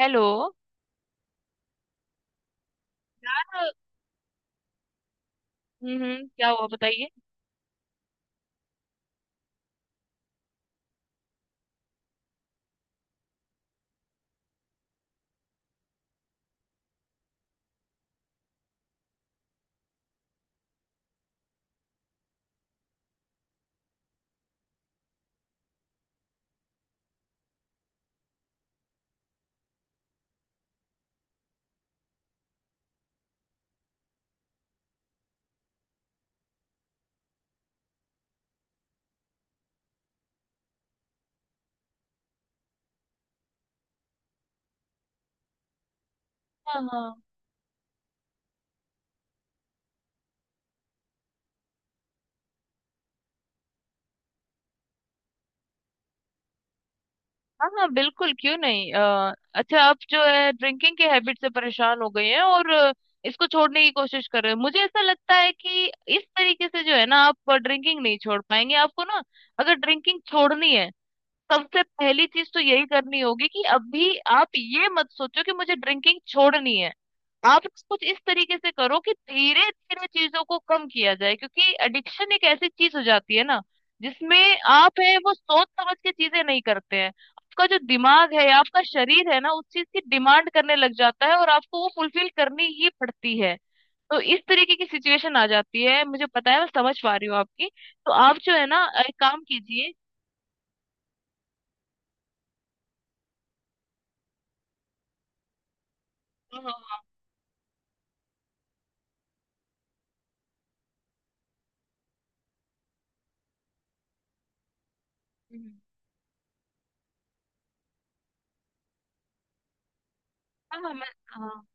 Hello. हम्म, क्या हुआ बताइए। हाँ हाँ। हाँ हाँ, बिल्कुल क्यों नहीं। अच्छा आप जो है ड्रिंकिंग की हैबिट से परेशान हो गए हैं, और इसको छोड़ने की कोशिश कर रहे हैं। मुझे ऐसा लगता है कि इस तरीके से जो है ना आप ड्रिंकिंग नहीं छोड़ पाएंगे। आपको ना, अगर ड्रिंकिंग छोड़नी है, सबसे पहली चीज तो यही करनी होगी कि अभी आप ये मत सोचो कि मुझे ड्रिंकिंग छोड़नी है। आप कुछ इस तरीके से करो कि धीरे धीरे चीजों को कम किया जाए, क्योंकि एडिक्शन एक ऐसी चीज हो जाती है ना जिसमें आप है वो सोच समझ के चीजें नहीं करते हैं। आपका जो दिमाग है, आपका शरीर है ना, उस चीज की डिमांड करने लग जाता है और आपको वो फुलफिल करनी ही पड़ती है। तो इस तरीके की सिचुएशन आ जाती है। मुझे पता है, मैं समझ पा रही हूँ आपकी। तो आप जो है ना एक काम कीजिए। हाँ हाँ हाँ। हाँ, हाँ, हाँ।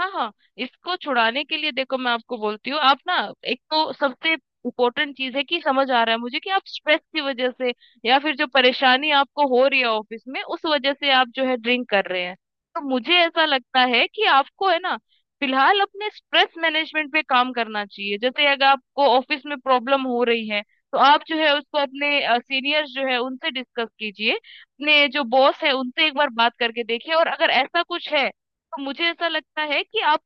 हाँ हाँ, इसको छुड़ाने के लिए देखो मैं आपको बोलती हूँ। आप ना, एक तो सबसे इम्पोर्टेंट चीज है कि समझ आ रहा है मुझे कि आप स्ट्रेस की वजह से या फिर जो परेशानी आपको हो रही है ऑफिस में, उस वजह से आप जो है ड्रिंक कर रहे हैं। तो मुझे ऐसा लगता है कि आपको है ना फिलहाल अपने स्ट्रेस मैनेजमेंट पे काम करना चाहिए। जैसे अगर आपको ऑफिस में प्रॉब्लम हो रही है तो आप जो है उसको अपने सीनियर्स जो है उनसे डिस्कस कीजिए, अपने जो बॉस है उनसे एक बार बात करके देखिए, और अगर ऐसा कुछ है तो मुझे ऐसा लगता है कि आप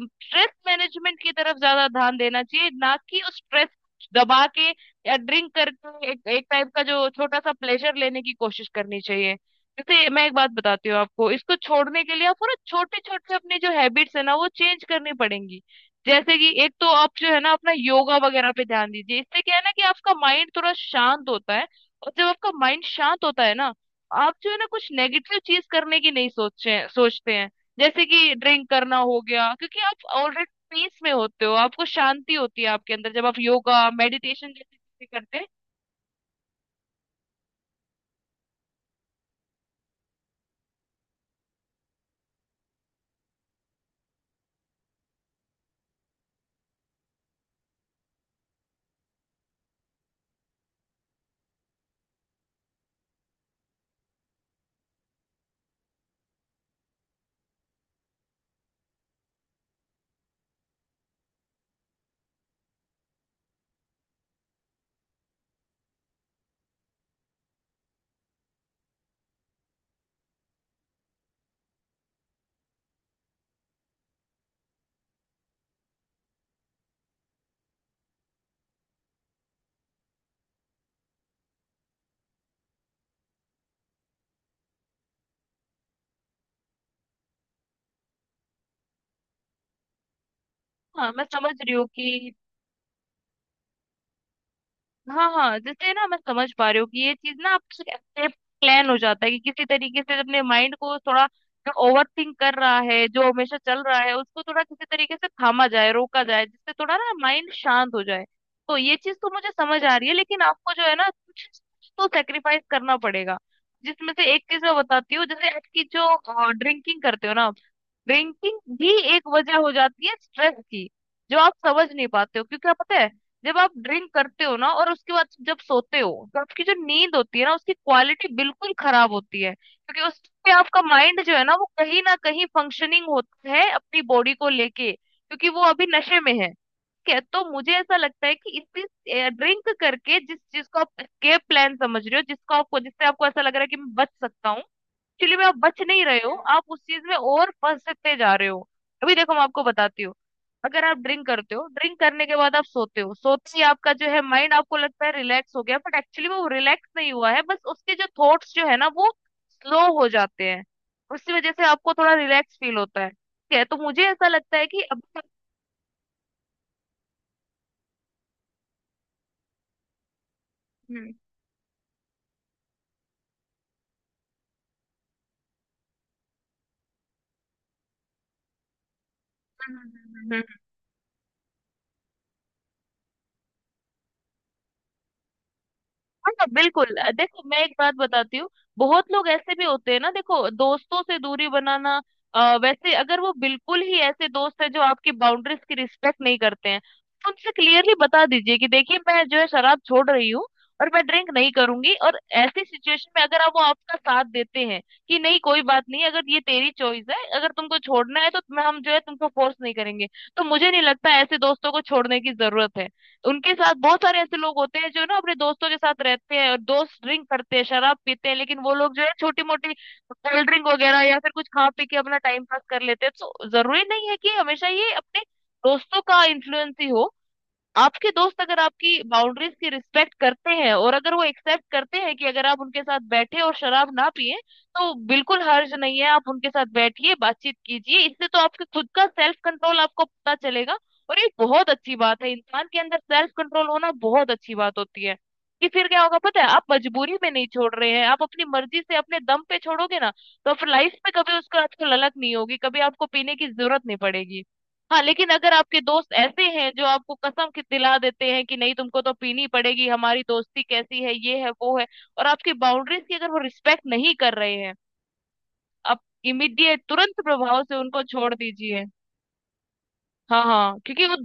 स्ट्रेस मैनेजमेंट की तरफ ज्यादा ध्यान देना चाहिए, ना कि उस स्ट्रेस दबा के या ड्रिंक करके एक एक टाइप का जो छोटा सा प्लेजर लेने की कोशिश करनी चाहिए। जैसे मैं एक बात बताती हूँ आपको, इसको छोड़ने के लिए आपको ना छोटे छोटे अपनी जो हैबिट्स है ना वो चेंज करनी पड़ेंगी। जैसे कि एक तो आप जो है ना अपना योगा वगैरह पे ध्यान दीजिए। इससे क्या है ना कि आपका माइंड थोड़ा शांत होता है, और जब आपका माइंड शांत होता है ना, आप जो है ना कुछ नेगेटिव चीज करने की नहीं सोचते सोचते हैं। जैसे कि ड्रिंक करना हो गया, क्योंकि आप ऑलरेडी पीस में होते हो, आपको शांति होती है आपके अंदर जब आप योगा मेडिटेशन जैसी चीजें करते हैं। हाँ मैं समझ रही हूँ कि हाँ हाँ, जैसे ना मैं समझ पा रही हूँ कि ये चीज ना आपसे कैसे प्लान हो जाता है, कि किसी तरीके से अपने माइंड को थोड़ा, जो ओवर थिंक कर रहा है जो हमेशा चल रहा है उसको थोड़ा किसी तरीके से थामा जाए, रोका जाए, जिससे थोड़ा ना माइंड शांत हो जाए। तो ये चीज तो मुझे समझ आ रही है, लेकिन आपको जो है ना कुछ कुछ तो सेक्रीफाइस करना पड़ेगा। जिसमें से एक चीज मैं बताती हूँ, जैसे आपकी जो ड्रिंकिंग करते हो ना, बैंकिंग भी एक वजह हो जाती है स्ट्रेस की, जो आप समझ नहीं पाते हो। क्योंकि क्या पता है, जब आप ड्रिंक करते हो ना और उसके बाद जब सोते हो, तो आपकी जो नींद होती है ना उसकी क्वालिटी बिल्कुल खराब होती है, क्योंकि उस पे आपका माइंड जो है ना वो कहीं ना कहीं फंक्शनिंग होता है अपनी बॉडी को लेके, क्योंकि वो अभी नशे में है। ठीक है। तो मुझे ऐसा लगता है कि इसी ड्रिंक करके जिस चीज को आप एस्केप प्लान समझ रहे हो, जिसको आपको, जिससे आपको ऐसा लग रहा है कि मैं बच सकता हूँ, एक्चुअली में आप बच नहीं रहे हो, आप उस चीज में और फंसते जा रहे हो। अभी देखो मैं आपको बताती हूँ। अगर आप ड्रिंक करते हो, ड्रिंक करने के बाद आप सोते हो, सोते ही आपका जो है माइंड आपको लगता है रिलैक्स हो गया, बट एक्चुअली में वो रिलैक्स नहीं हुआ है, बस उसके जो थॉट्स जो है ना वो स्लो हो जाते हैं। उसकी वजह से आपको थोड़ा रिलैक्स फील होता है। ठीक है। तो मुझे ऐसा लगता है कि अब हम्म हम्म, हम्म, हम्म, हम्म। हाँ हाँ, बिल्कुल। देखो मैं एक बात बताती हूँ। बहुत लोग ऐसे भी होते हैं ना, देखो दोस्तों से दूरी बनाना, वैसे अगर वो बिल्कुल ही ऐसे दोस्त है जो आपकी बाउंड्रीज की रिस्पेक्ट नहीं करते हैं, तो उनसे क्लियरली बता दीजिए कि देखिए मैं जो है शराब छोड़ रही हूँ और मैं ड्रिंक नहीं करूंगी। और ऐसी सिचुएशन में अगर आप वो आपका साथ देते हैं कि नहीं कोई बात नहीं, अगर ये तेरी चॉइस है, अगर तुमको छोड़ना है तो मैं हम जो है तुमको फोर्स नहीं करेंगे, तो मुझे नहीं लगता ऐसे दोस्तों को छोड़ने की जरूरत है। उनके साथ, बहुत सारे ऐसे लोग होते हैं जो ना अपने दोस्तों के साथ रहते हैं और दोस्त ड्रिंक करते हैं, शराब पीते हैं, लेकिन वो लोग जो है छोटी मोटी कोल्ड ड्रिंक वगैरह या फिर कुछ खा पी के अपना टाइम पास कर लेते हैं। तो जरूरी नहीं है कि हमेशा ये अपने दोस्तों का इन्फ्लुएंस ही हो। आपके दोस्त अगर आपकी बाउंड्रीज की रिस्पेक्ट करते हैं और अगर वो एक्सेप्ट करते हैं कि अगर आप उनके साथ बैठे और शराब ना पिए, तो बिल्कुल हर्ज नहीं है। आप उनके साथ बैठिए, बातचीत कीजिए। इससे तो आपके खुद का सेल्फ कंट्रोल आपको पता चलेगा, और ये बहुत अच्छी बात है, इंसान के अंदर सेल्फ कंट्रोल होना बहुत अच्छी बात होती है। कि फिर क्या होगा पता है, आप मजबूरी में नहीं छोड़ रहे हैं, आप अपनी मर्जी से अपने दम पे छोड़ोगे ना, तो आप लाइफ में कभी उसका आपको ललक नहीं होगी, कभी आपको पीने की जरूरत नहीं पड़ेगी। हाँ, लेकिन अगर आपके दोस्त ऐसे हैं जो आपको कसम कि दिला देते हैं कि नहीं तुमको तो पीनी पड़ेगी, हमारी दोस्ती कैसी है, ये है वो है, और आपकी बाउंड्रीज की अगर वो रिस्पेक्ट नहीं कर रहे हैं, आप इमीडिएट तुरंत प्रभाव से उनको छोड़ दीजिए। हाँ हाँ, क्योंकि वो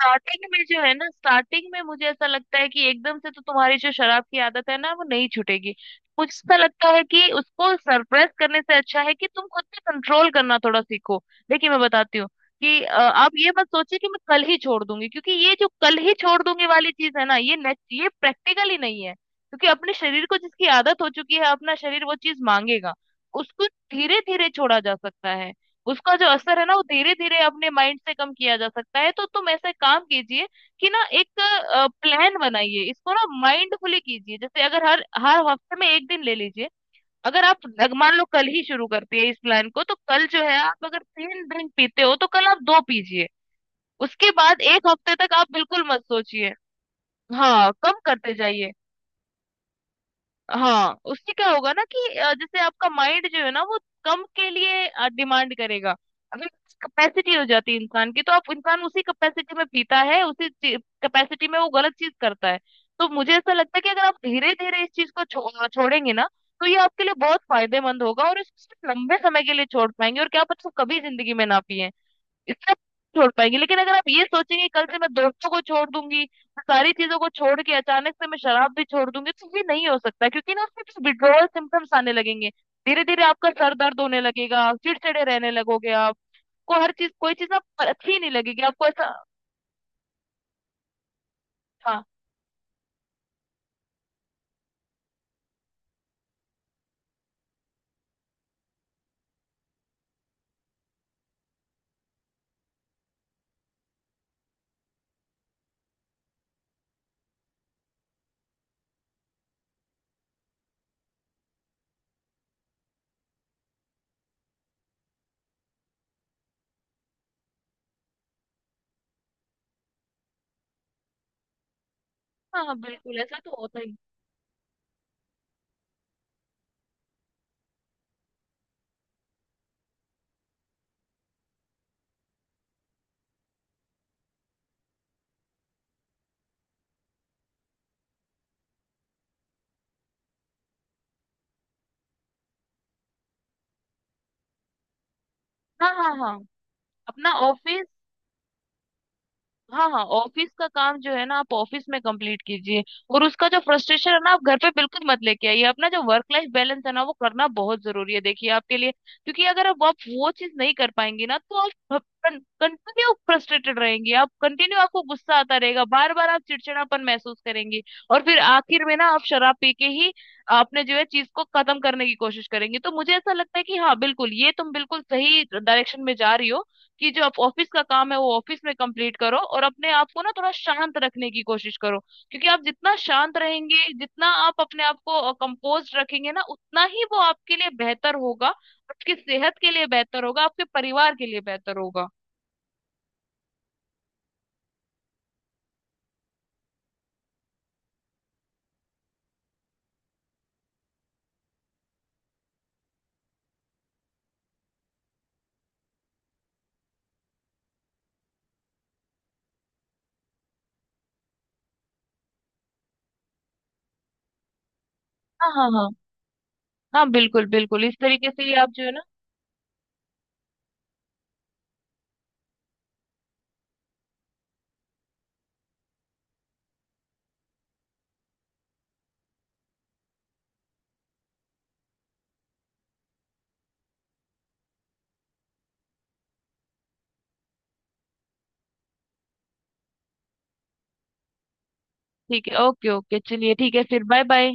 स्टार्टिंग में जो है ना, स्टार्टिंग में मुझे ऐसा लगता है कि एकदम से तो तुम्हारी जो शराब की आदत है ना वो नहीं छूटेगी। मुझे ऐसा लगता है कि उसको सरप्राइज करने से अच्छा है कि तुम खुद पे कंट्रोल करना थोड़ा सीखो। देखिए मैं बताती हूँ कि आप ये मत सोचिए कि मैं कल ही छोड़ दूंगी, क्योंकि ये जो कल ही छोड़ दूंगी वाली चीज है ना, ये ये प्रैक्टिकल ही नहीं है, क्योंकि अपने शरीर को जिसकी आदत हो चुकी है अपना शरीर वो चीज मांगेगा। उसको धीरे धीरे छोड़ा जा सकता है, उसका जो असर है ना वो धीरे धीरे अपने माइंड से कम किया जा सकता है। तो तुम ऐसा काम कीजिए कि ना एक प्लान बनाइए, इसको ना माइंडफुली कीजिए। जैसे अगर हर हर हफ्ते में एक दिन ले लीजिए, अगर आप मान लो कल ही शुरू करती है इस प्लान को, तो कल जो है आप अगर तीन ड्रिंक पीते हो तो कल आप दो पीजिए। उसके बाद एक हफ्ते तक आप बिल्कुल मत सोचिए। हाँ, कम करते जाइए। हाँ उससे क्या होगा ना कि जैसे आपका माइंड जो है ना वो कम के लिए डिमांड करेगा। अगर कैपेसिटी हो जाती है इंसान की, तो आप इंसान उसी कैपेसिटी में पीता है, उसी कैपेसिटी में वो गलत चीज करता है। तो मुझे ऐसा लगता है कि अगर आप धीरे धीरे इस चीज को छोड़ेंगे ना, तो ये आपके लिए बहुत फायदेमंद होगा, और इसको सिर्फ लंबे समय के लिए छोड़ पाएंगे, और क्या पता कभी जिंदगी में ना पिए। इतना नहीं छोड़ पाएंगे, लेकिन अगर आप ये सोचेंगे कल से मैं दोस्तों को छोड़ दूंगी, मैं सारी चीजों को छोड़ के अचानक से मैं शराब भी छोड़ दूंगी, तो ये नहीं हो सकता, क्योंकि ना उसमें कुछ विड्रोवल सिम्टम्स आने लगेंगे। धीरे धीरे आपका सर दर्द होने लगेगा, चिड़चिड़े रहने लगोगे, आप को हर चीज कोई चीज आप अच्छी नहीं लगेगी, आपको ऐसा। हाँ हाँ, हाँ बिल्कुल ऐसा तो होता ही। हाँ हाँ हाँ, अपना ऑफिस। हाँ हाँ, ऑफिस का काम जो है ना आप ऑफिस में कंप्लीट कीजिए, और उसका जो फ्रस्ट्रेशन है ना आप घर पे बिल्कुल मत लेके आइए। अपना जो वर्क लाइफ बैलेंस है ना वो करना बहुत जरूरी है, देखिए आपके लिए, क्योंकि अगर अब आप वो चीज नहीं कर पाएंगी ना, तो आप कंटिन्यू फ्रस्ट्रेटेड रहेंगी, आप कंटिन्यू आपको गुस्सा आता रहेगा, बार बार आप चिड़चिड़ापन महसूस करेंगी, और फिर आखिर में ना आप शराब पी के ही आपने जो है चीज को खत्म करने की कोशिश करेंगी। तो मुझे ऐसा लगता है कि हाँ बिल्कुल, ये तुम बिल्कुल सही डायरेक्शन में जा रही हो। कि जो आप ऑफिस का काम है वो ऑफिस में कंप्लीट करो और अपने आप को ना थोड़ा शांत रखने की कोशिश करो, क्योंकि आप जितना शांत रहेंगे, जितना आप अपने आप को कंपोज रखेंगे ना, उतना ही वो आपके लिए बेहतर होगा, आपकी सेहत के लिए बेहतर होगा, आपके परिवार के लिए बेहतर होगा। हाँ हाँ हाँ। हाँ बिल्कुल बिल्कुल, इस तरीके से ही आप जो है ना। ठीक है, ओके ओके, चलिए ठीक है, फिर बाय बाय।